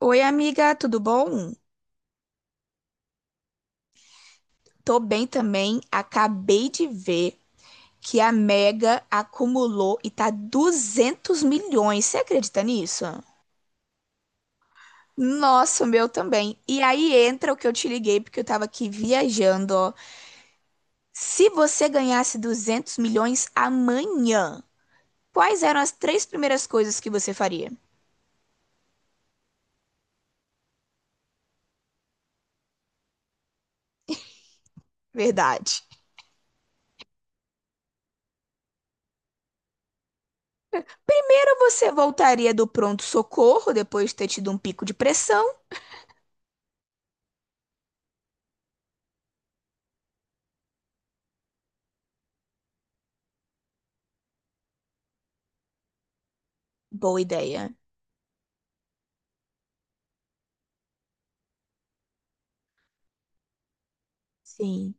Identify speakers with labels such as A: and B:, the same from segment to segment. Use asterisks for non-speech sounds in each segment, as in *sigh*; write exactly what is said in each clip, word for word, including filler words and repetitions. A: Oi, amiga, tudo bom? Tô bem também. Acabei de ver que a Mega acumulou e tá duzentos milhões. Você acredita nisso? Nossa, o meu também. E aí entra o que eu te liguei, porque eu tava aqui viajando, ó. Se você ganhasse duzentos milhões amanhã, quais eram as três primeiras coisas que você faria? Verdade. Primeiro, você voltaria do pronto-socorro depois de ter tido um pico de pressão? Boa ideia. Sim.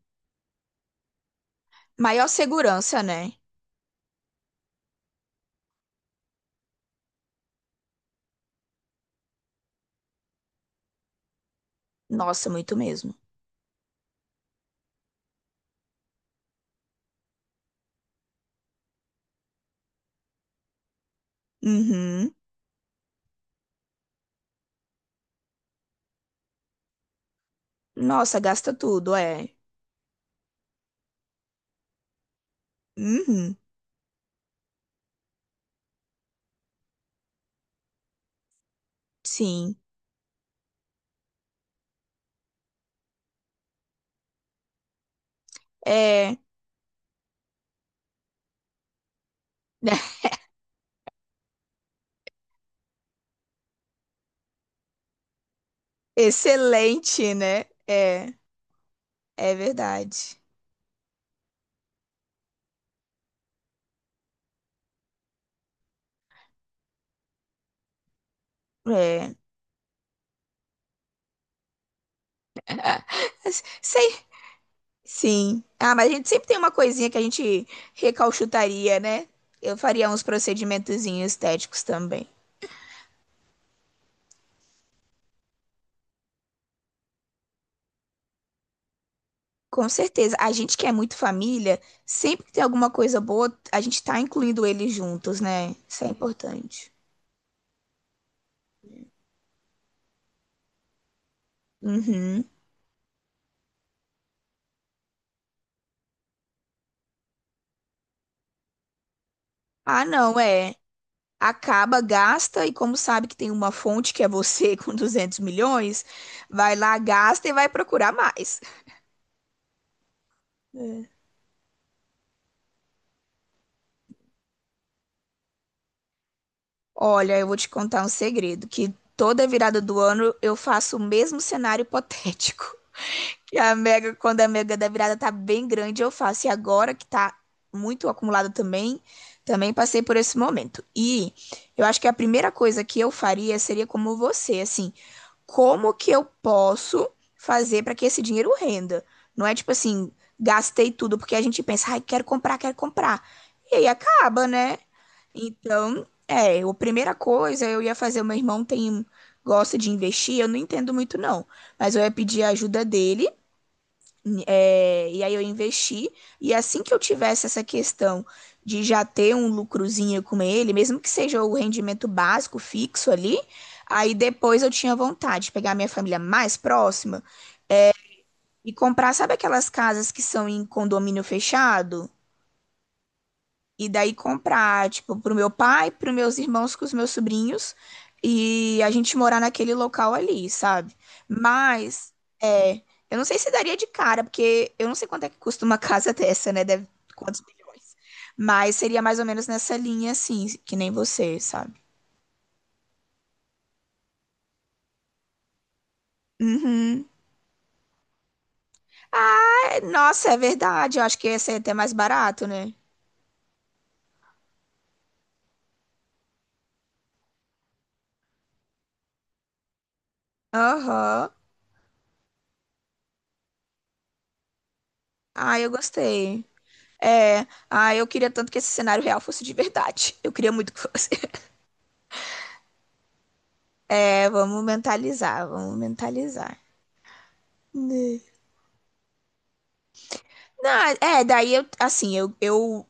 A: Maior segurança, né? Nossa, muito mesmo. Uhum. Nossa, gasta tudo, é. Uhum. Sim. É. *laughs* Excelente, né? É. É verdade. É. Mas, sei. Sim. Ah, mas a gente sempre tem uma coisinha que a gente recauchutaria, né? Eu faria uns procedimentozinhos estéticos também. Com certeza. A gente que é muito família, sempre que tem alguma coisa boa, a gente tá incluindo eles juntos, né? Isso é importante. Uhum. Ah, não, é. Acaba, gasta, e como sabe que tem uma fonte que é você *laughs* com duzentos milhões, vai lá, gasta e vai procurar mais. Olha, eu vou te contar um segredo, que toda virada do ano eu faço o mesmo cenário hipotético. *laughs* E a mega, quando a mega da virada tá bem grande, eu faço. E agora que tá muito acumulado também, também passei por esse momento. E eu acho que a primeira coisa que eu faria seria como você, assim, como que eu posso fazer para que esse dinheiro renda? Não é tipo assim, gastei tudo porque a gente pensa, ai, quero comprar, quero comprar. E aí acaba, né? Então, é, a primeira coisa eu ia fazer, o meu irmão tem gosta de investir, eu não entendo muito não, mas eu ia pedir a ajuda dele é, e aí eu investi, e assim que eu tivesse essa questão de já ter um lucrozinho com ele, mesmo que seja o rendimento básico fixo ali, aí depois eu tinha vontade de pegar minha família mais próxima e comprar, sabe aquelas casas que são em condomínio fechado? E daí comprar, tipo, pro meu pai, pros meus irmãos, com os meus sobrinhos, e a gente morar naquele local ali, sabe? Mas, é, eu não sei se daria de cara, porque eu não sei quanto é que custa uma *laughs* casa dessa, né? Deve, quantos milhões. Mas seria mais ou menos nessa linha, assim, que nem você, sabe? Uhum. Ah, é, nossa, é verdade. Eu acho que ia ser até mais barato, né? Aham. Ah, eu gostei. É, ah, eu queria tanto que esse cenário real fosse de verdade. Eu queria muito que fosse. É, vamos mentalizar, vamos mentalizar. Né. Não, é, daí eu, assim, eu, eu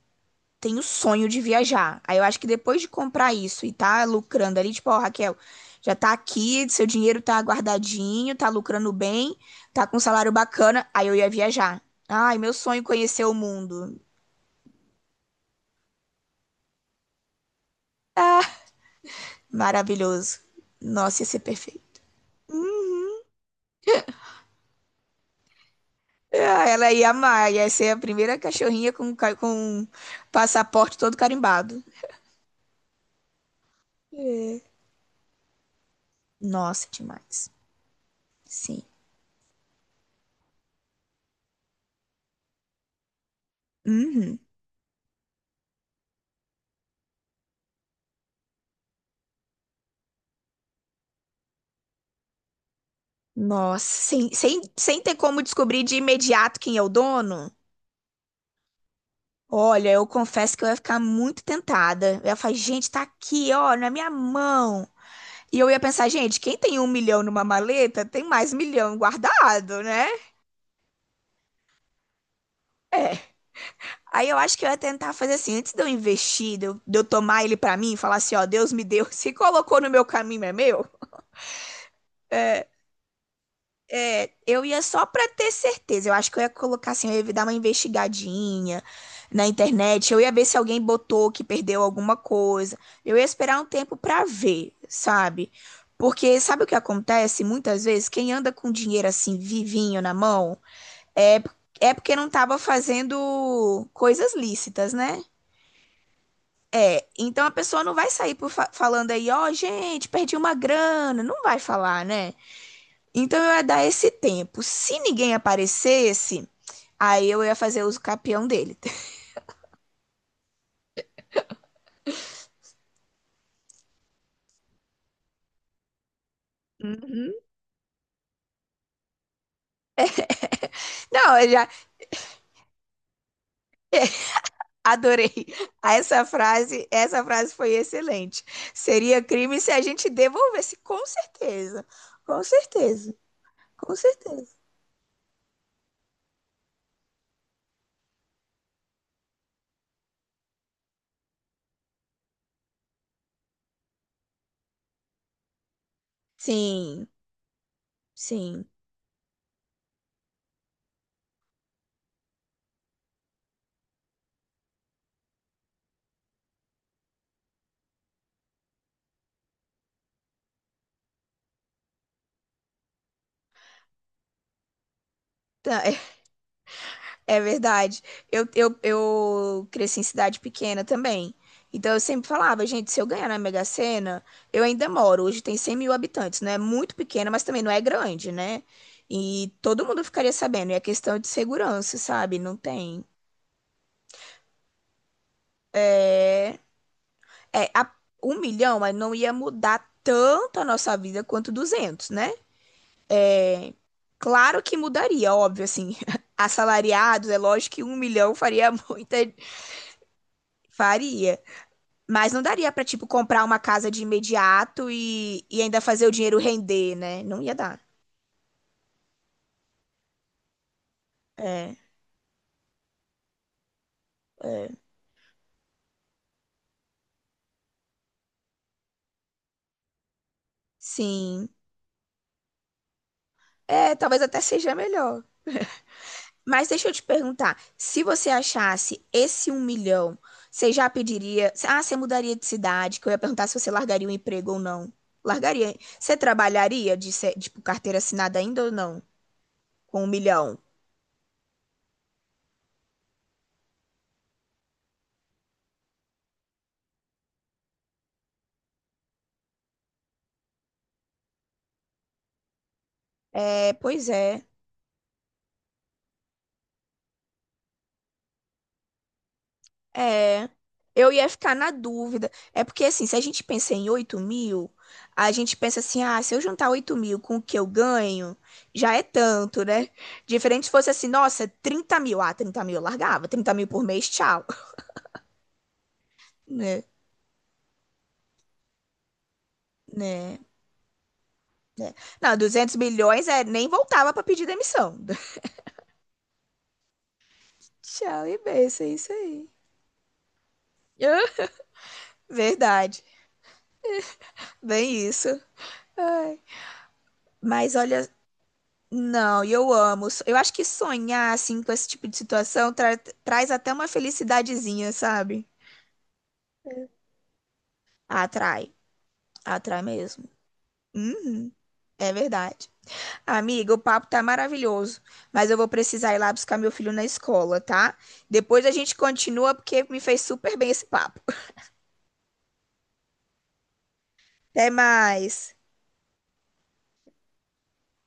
A: tenho sonho de viajar. Aí eu acho que depois de comprar isso e tá lucrando ali, tipo, ó, Raquel, já tá aqui, seu dinheiro tá guardadinho, tá lucrando bem, tá com um salário bacana, aí eu ia viajar. Ai, meu sonho é conhecer o mundo. Ah, maravilhoso. Nossa, ia ser perfeito. Ah, ela ia amar, ia ser a primeira cachorrinha com, ca- com passaporte todo carimbado. Nossa, demais. Sim. Uhum. Nossa, sem, sem, sem ter como descobrir de imediato quem é o dono? Olha, eu confesso que eu ia ficar muito tentada. Eu ia falar, gente, tá aqui, ó, na minha mão. E eu ia pensar, gente, quem tem um milhão numa maleta tem mais milhão guardado, né? É. Aí eu acho que eu ia tentar fazer assim, antes de eu investir, de eu, de eu tomar ele pra mim, e falar assim, ó, Deus me deu, *laughs* se colocou no meu caminho, é meu. É, eu ia só pra ter certeza. Eu acho que eu ia colocar assim, eu ia dar uma investigadinha na internet. Eu ia ver se alguém botou que perdeu alguma coisa. Eu ia esperar um tempo pra ver, sabe? Porque sabe o que acontece muitas vezes? Quem anda com dinheiro assim, vivinho na mão, é, é porque não tava fazendo coisas lícitas, né? Então a pessoa não vai sair por fa- falando aí, ó, gente, perdi uma grana. Não vai falar, né? Então eu ia dar esse tempo. Se ninguém aparecesse, aí eu ia fazer uso capião dele. *laughs* Uhum. Não, eu já adorei. Ah, essa frase. Essa frase foi excelente. Seria crime se a gente devolvesse, com certeza. Com certeza. Com certeza. Sim, sim. Tá. *laughs* É verdade. Eu, eu, eu cresci em cidade pequena também. Então eu sempre falava, gente, se eu ganhar na Mega Sena, eu ainda moro. Hoje tem cem mil habitantes, não é muito pequena, mas também não é grande, né? E todo mundo ficaria sabendo. E a questão de segurança, sabe? Não tem. É, a- um milhão, mas não ia mudar tanto a nossa vida quanto duzentos, né? Claro que mudaria, óbvio, assim. *laughs* Assalariados, é lógico que um milhão faria muita. Faria. Mas não daria pra, tipo, comprar uma casa de imediato e, e ainda fazer o dinheiro render, né? Não ia dar. É, é. Sim. É, talvez até seja melhor. Mas deixa eu te perguntar, se você achasse esse um milhão, você já pediria? Ah, você mudaria de cidade? Que eu ia perguntar se você largaria o emprego ou não. Largaria. Você trabalharia de, ser- tipo, carteira assinada ainda ou não? Com um milhão? É, pois é. É, eu ia ficar na dúvida. É porque, assim, se a gente pensa em oito mil, a gente pensa assim, ah, se eu juntar oito mil com o que eu ganho, já é tanto, né? Diferente se fosse assim, nossa, trinta mil. Ah, trinta mil eu largava, trinta mil por mês, tchau. *laughs* Né, né, né. Não, duzentos milhões é, nem voltava pra pedir demissão. *laughs* Tchau e beijo, é isso aí. Ah, verdade, bem isso. Ai. Mas olha. Não, e eu amo. So, Eu acho que sonhar assim com esse tipo de situação tra- traz até uma felicidadezinha, sabe? Atrai, atrai mesmo. Uhum, é verdade. Amiga, o papo tá maravilhoso, mas eu vou precisar ir lá buscar meu filho na escola, tá? Depois a gente continua porque me fez super bem esse papo. Até mais.